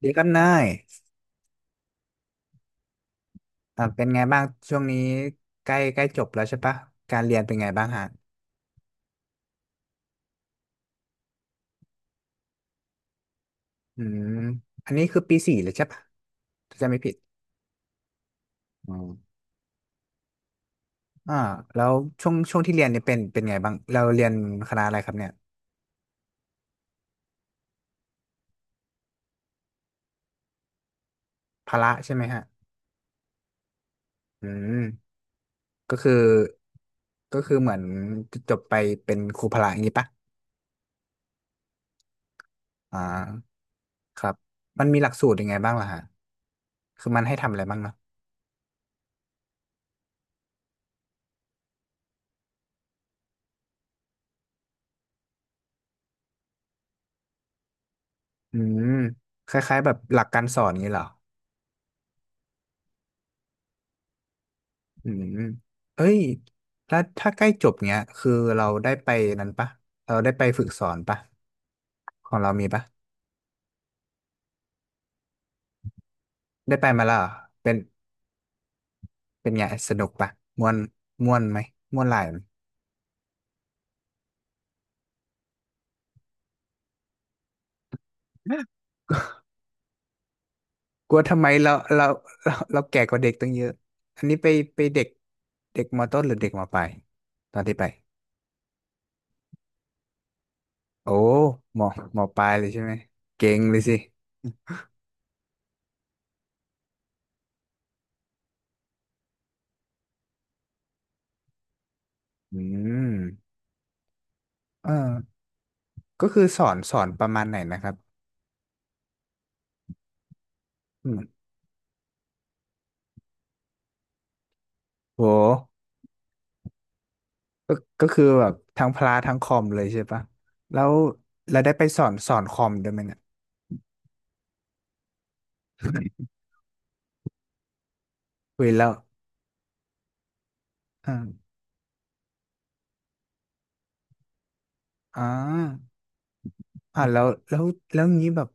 เดี๋ยวกันนายเป็นไงบ้างช่วงนี้ใกล้ใกล้จบแล้วใช่ปะการเรียนเป็นไงบ้างฮะอืมอันนี้คือปีสี่เลยใช่ปะถ้าจะไม่ผิดอืมอ่าแล้วช่วงที่เรียนเนี่ยเป็นไงบ้างเราเรียนคณะอะไรครับเนี่ยพละใช่ไหมฮะอืมก็คือก็คือเหมือนจบไปเป็นครูพละอย่างนี้ปะอ่าครับมันมีหลักสูตรยังไงบ้างล่ะฮะคือมันให้ทำอะไรบ้างเนาะอืมคล้ายๆแบบหลักการสอนอย่างนี้เหรอ อืมเอ้ยแล้วถ้าใกล้จบเนี้ยคือเราได้ไปนั้นปะเราได้ไปฝึกสอนปะของเรามีปะได้ไปมาแล้วเหรอเป็นเป็นไงสนุกปะม่วนม่วนไหมม่วนหลายไหมกลัวทำไมเราแก่กว่าเด็กตั้งเยอะอันนี้ไปไปเด็กเด็กมต้นหรือเด็กมปลายตอนที่ไปโอ้มมปลายเลยใช่ไหมเก่งเลยสิอืมเออก็คือสอนประมาณไหนนะครับอืมโห ก็ก็คือแบบทั้งพละทั้งคอมเลยใช่ปะแล้วแล้วได้ไปสอนคอมด้วยไหมเนี่ยคุยแล้วอ่าอ่าแล้วแล้วแล้วงี้แบบ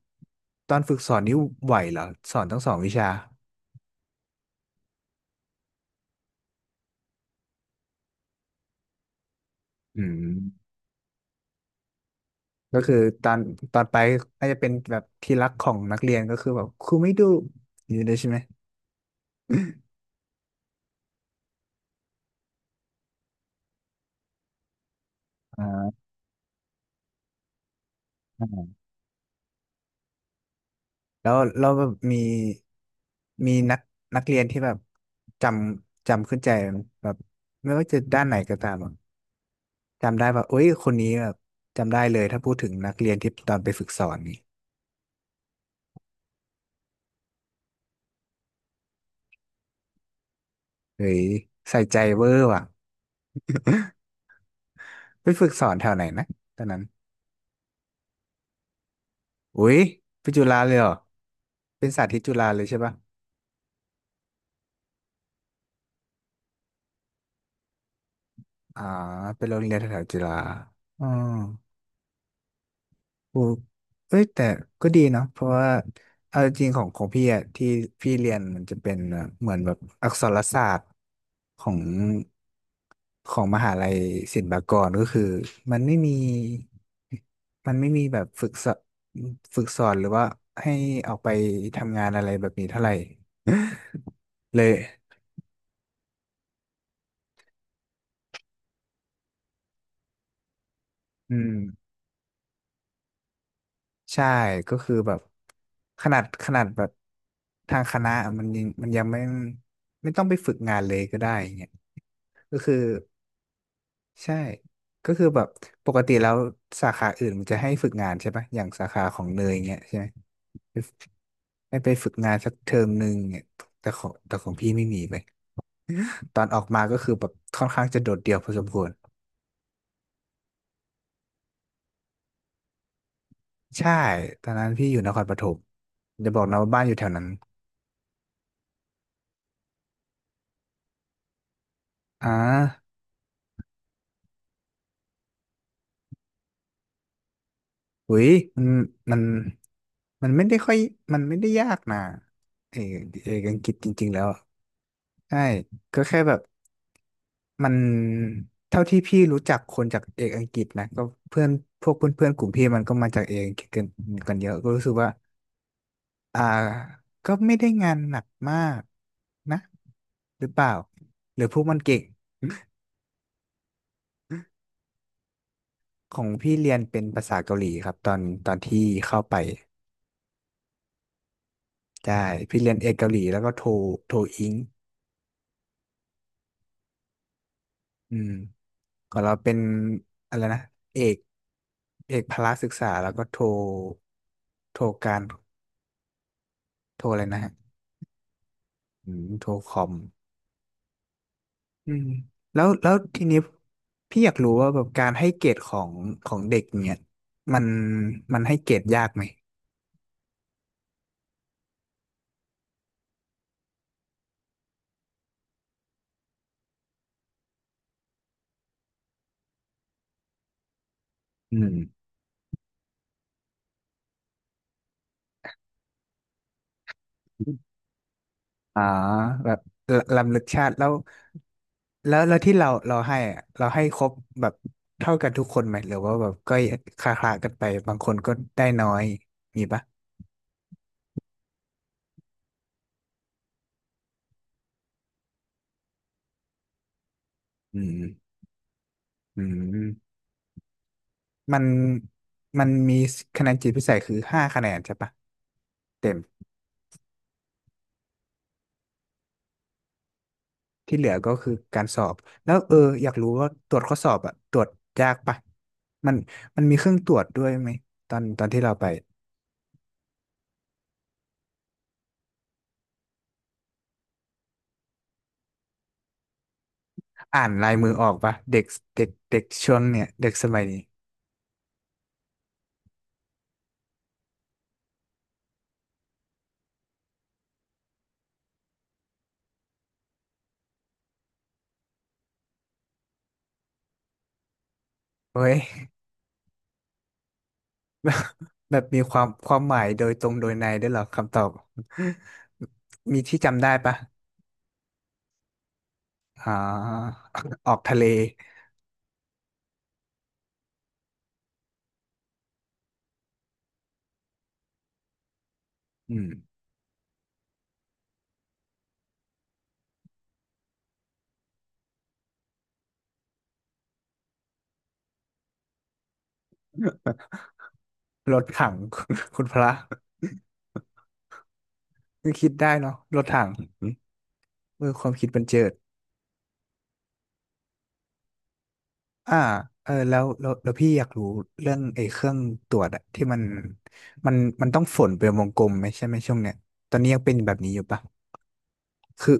ตอนฝึกสอนนี่ไหวเหรอสอนทั้งสองวิชาอืมก็คือตอนตอนไปน่าจะเป็นแบบที่รักของนักเรียนก็คือแบบครูไม่ดูอยู่ด้วยใช่ไหมอ่าแล้วแล้วเราแบบมีมีนักนักเรียนที่แบบจจำขึ้นใจไหมแบบไม่ว่าจะด้านไหนก็ตาม จำได้แบบเอ้ย คนนี้แบบจำได้เลยถ้าพูดถึงนักเรียนที่ตอนไปฝึกสอนนี่เฮ้ยใส่ใจเวอร์ว่ะไปฝึกสอนแถวไหนนะตอนนั้นอุ้ยไปจุฬาเลยเหรอ เป็นสาธิตจุฬาเลยใช่ปะอ่า เป็นโรงเรียนแถวๆจุฬาอ๋อ โอ้เอ้ยแต่ก็ดีเนาะเพราะว่าเอาจริงๆของของพี่อะที่พี่เรียนมันจะเป็นแบบเหมือนแบบอักษรศาสตร์ของของมหาลัยศิลปากรก็คือมันไม่มีมันไม่มีแบบฝึกสอนฝึกสอนหรือว่าให้ออกไปทำงานอะไรแบบนี้เท่าไหร่ เลยอืมใช่ก็คือแบบขนาดแบบทางคณะมันยังไม่ไม่ต้องไปฝึกงานเลยก็ได้ ก็คือใช่ก็คือแบบปกติแล้วสาขาอื่นมันจะให้ฝึกงานใช่ปะอย่างสาขาของเนยเงี้ยใช่ไหมให้ไปฝึกงานสักเทอมหนึ่งเนี่ยแต่ของแต่ของพี่ไม่มีไปตอนออกมาก็คือแบบค่อนข้างจะโดดเดี่ยวพอสมควรใช่ตอนนั้นพี่อยู่นครปฐมจะบอกนะว่าบ้านอยู่แถวนั้นอ่าหุยมันมันมันไม่ได้ค่อยมันไม่ได้ยากนะเออเอกอังกฤษจริงๆแล้วอะใช่ก็แค่แบบ มันเท่าที่พี่รู้จักคนจากเอกอังกฤษนะก็เพื่อนพวกเพื่อนเพื่อนกลุ่มพี่มันก็มาจากเอกอังกฤษกันเยอะก็รู้สึกว่าอ่าก็ไม่ได้งานหนักมากนะหรือเปล่าหรือพวกมันเก่งของพี่เรียนเป็นภาษาเกาหลีครับตอนตอนที่เข้าไปใช่พี่เรียนเอกเกาหลีแล้วก็โทโทอิงอืมของเราเป็นอะไรนะเอกเอกพละศึกษาแล้วก็โทโทการโทอะไรนะฮะ อืมโทรคอมอืมแล้วแล้วทีนี้พี่อยากรู้ว่าแบบการให้เกรดของของเด็กเนี่ยมันมันให้เกรดยากไหมอืมอ๋อแบบลำลึกชาติแล้วแล้วแล้วที่เราเราให้อะเราให้ครบแบบเท่ากันทุกคนไหมหรือว่าแบบก็คละคลากันไปบางคนก็ได้น้อยมีปะอืมอืมมันมันมีคะแนนจิตพิเศษคือห้าคะแนนใช่ปะเต็ม ที่เหลือก็คือการสอบแล้วเอออยากรู้ว่าตรวจข้อสอบอะตรวจยากปะมันมันมีเครื่องตรวจด้วยไหมตอนตอนที่เราไปอ่านลายมือออกปะเด็กเด็กเด็กช่วงเนี่ยเด็กสมัยนี้เฮ้ย แบบมีความความหมายโดยตรงโดยในได้วยเหรอคำตอบมีที่จำได้ปะอ่า ออกทะเลอืมรถถัง คุณพระคิดได้เนาะรถถังเออความคิดบันเจิด อ่าเออแล้วแล้วแล้วพี่อยากรู้เรื่องไอ้เครื่องตรวจอะที่มันมันมันต้องฝนเป็นวงกลมไหมใช่ไหมช่วงเนี้ยตอนนี้ยังเป็นแบบนี้อยู่ปะคือ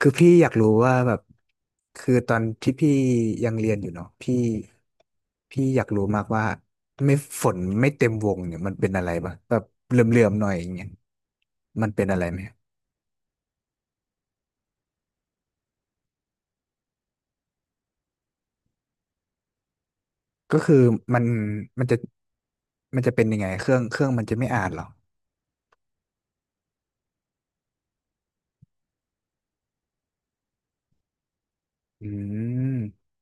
คือพี่อยากรู้ว่าแบบคือตอนที่พี่ยังเรียนอยู่เนาะพี่พี่อยากรู้มากว่าไม่ฝนไม่เต็มวงเนี่ยมันเป็นอะไรปะแบบเหลื่อมๆหน่อยอย่างเงี้ยมันเป็นอะไรไหมก็คือมันมันจะมันจะเป็นยังไงเครื่องมันจะไม่อ่านเหรออืม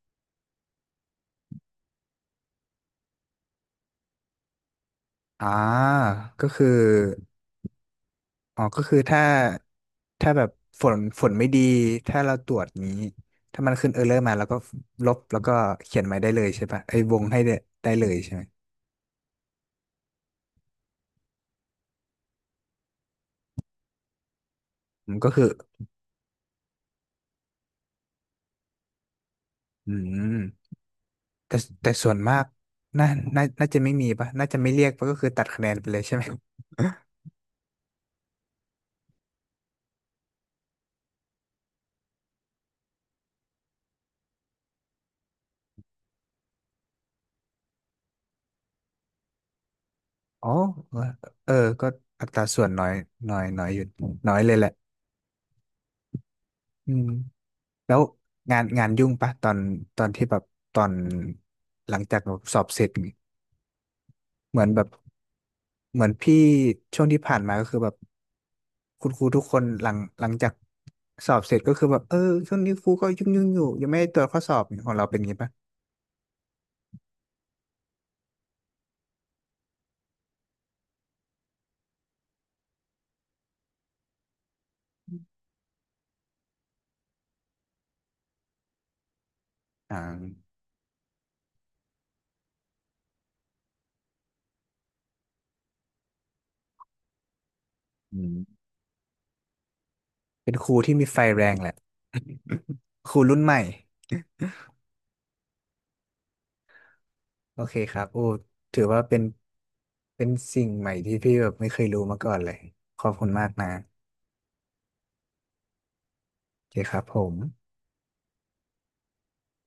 อ่าก็คืออ๋อก็คือถ้าถ้าแบบฝนไม่ดีถ้าเราตรวจนี้ถ้ามันขึ้นเออร์เรอร์มาแล้วก็ลบแล้วก็เขียนใหม่ได้เลยใช่ปะไอ้ยวงให้ได้ได้เลยใช่ไหมอืมก็คืออืมแต่แต่ส่วนมากน่าน่าจะไม่มีปะน่าจะไม่เรียกปะก็คือตัดคะแนนไปเลยใช่ไหม อ๋อเออก็อัตราส่วนน้อยน้อยน้อยอยู่น้อยเลยแหละอืม แล้วงานงานยุ่งปะตอนตอนที่แบบตอนหลังจากแบบสอบเสร็จเหมือนแบบเหมือนพี่ช่วงที่ผ่านมาก็คือแบบคุณครูทุกคนหลังหลังจากสอบเสร็จก็คือแบบเออช่วงนี้ครูก็ยุ่งอยู่ยังไม่ได้ตรวจข้อสอบของเราเป็นงี้ปะอ่าอืมเป็นครูที่มีไฟแรงแหละ ครูรุ่นใหม่โอเคครับโอ้ถือว่าเป็นเป็นสิ่งใหม่ที่พี่แบบไม่เคยรู้มาก่อนเลยขอบคุณมากนะโอเคครับผม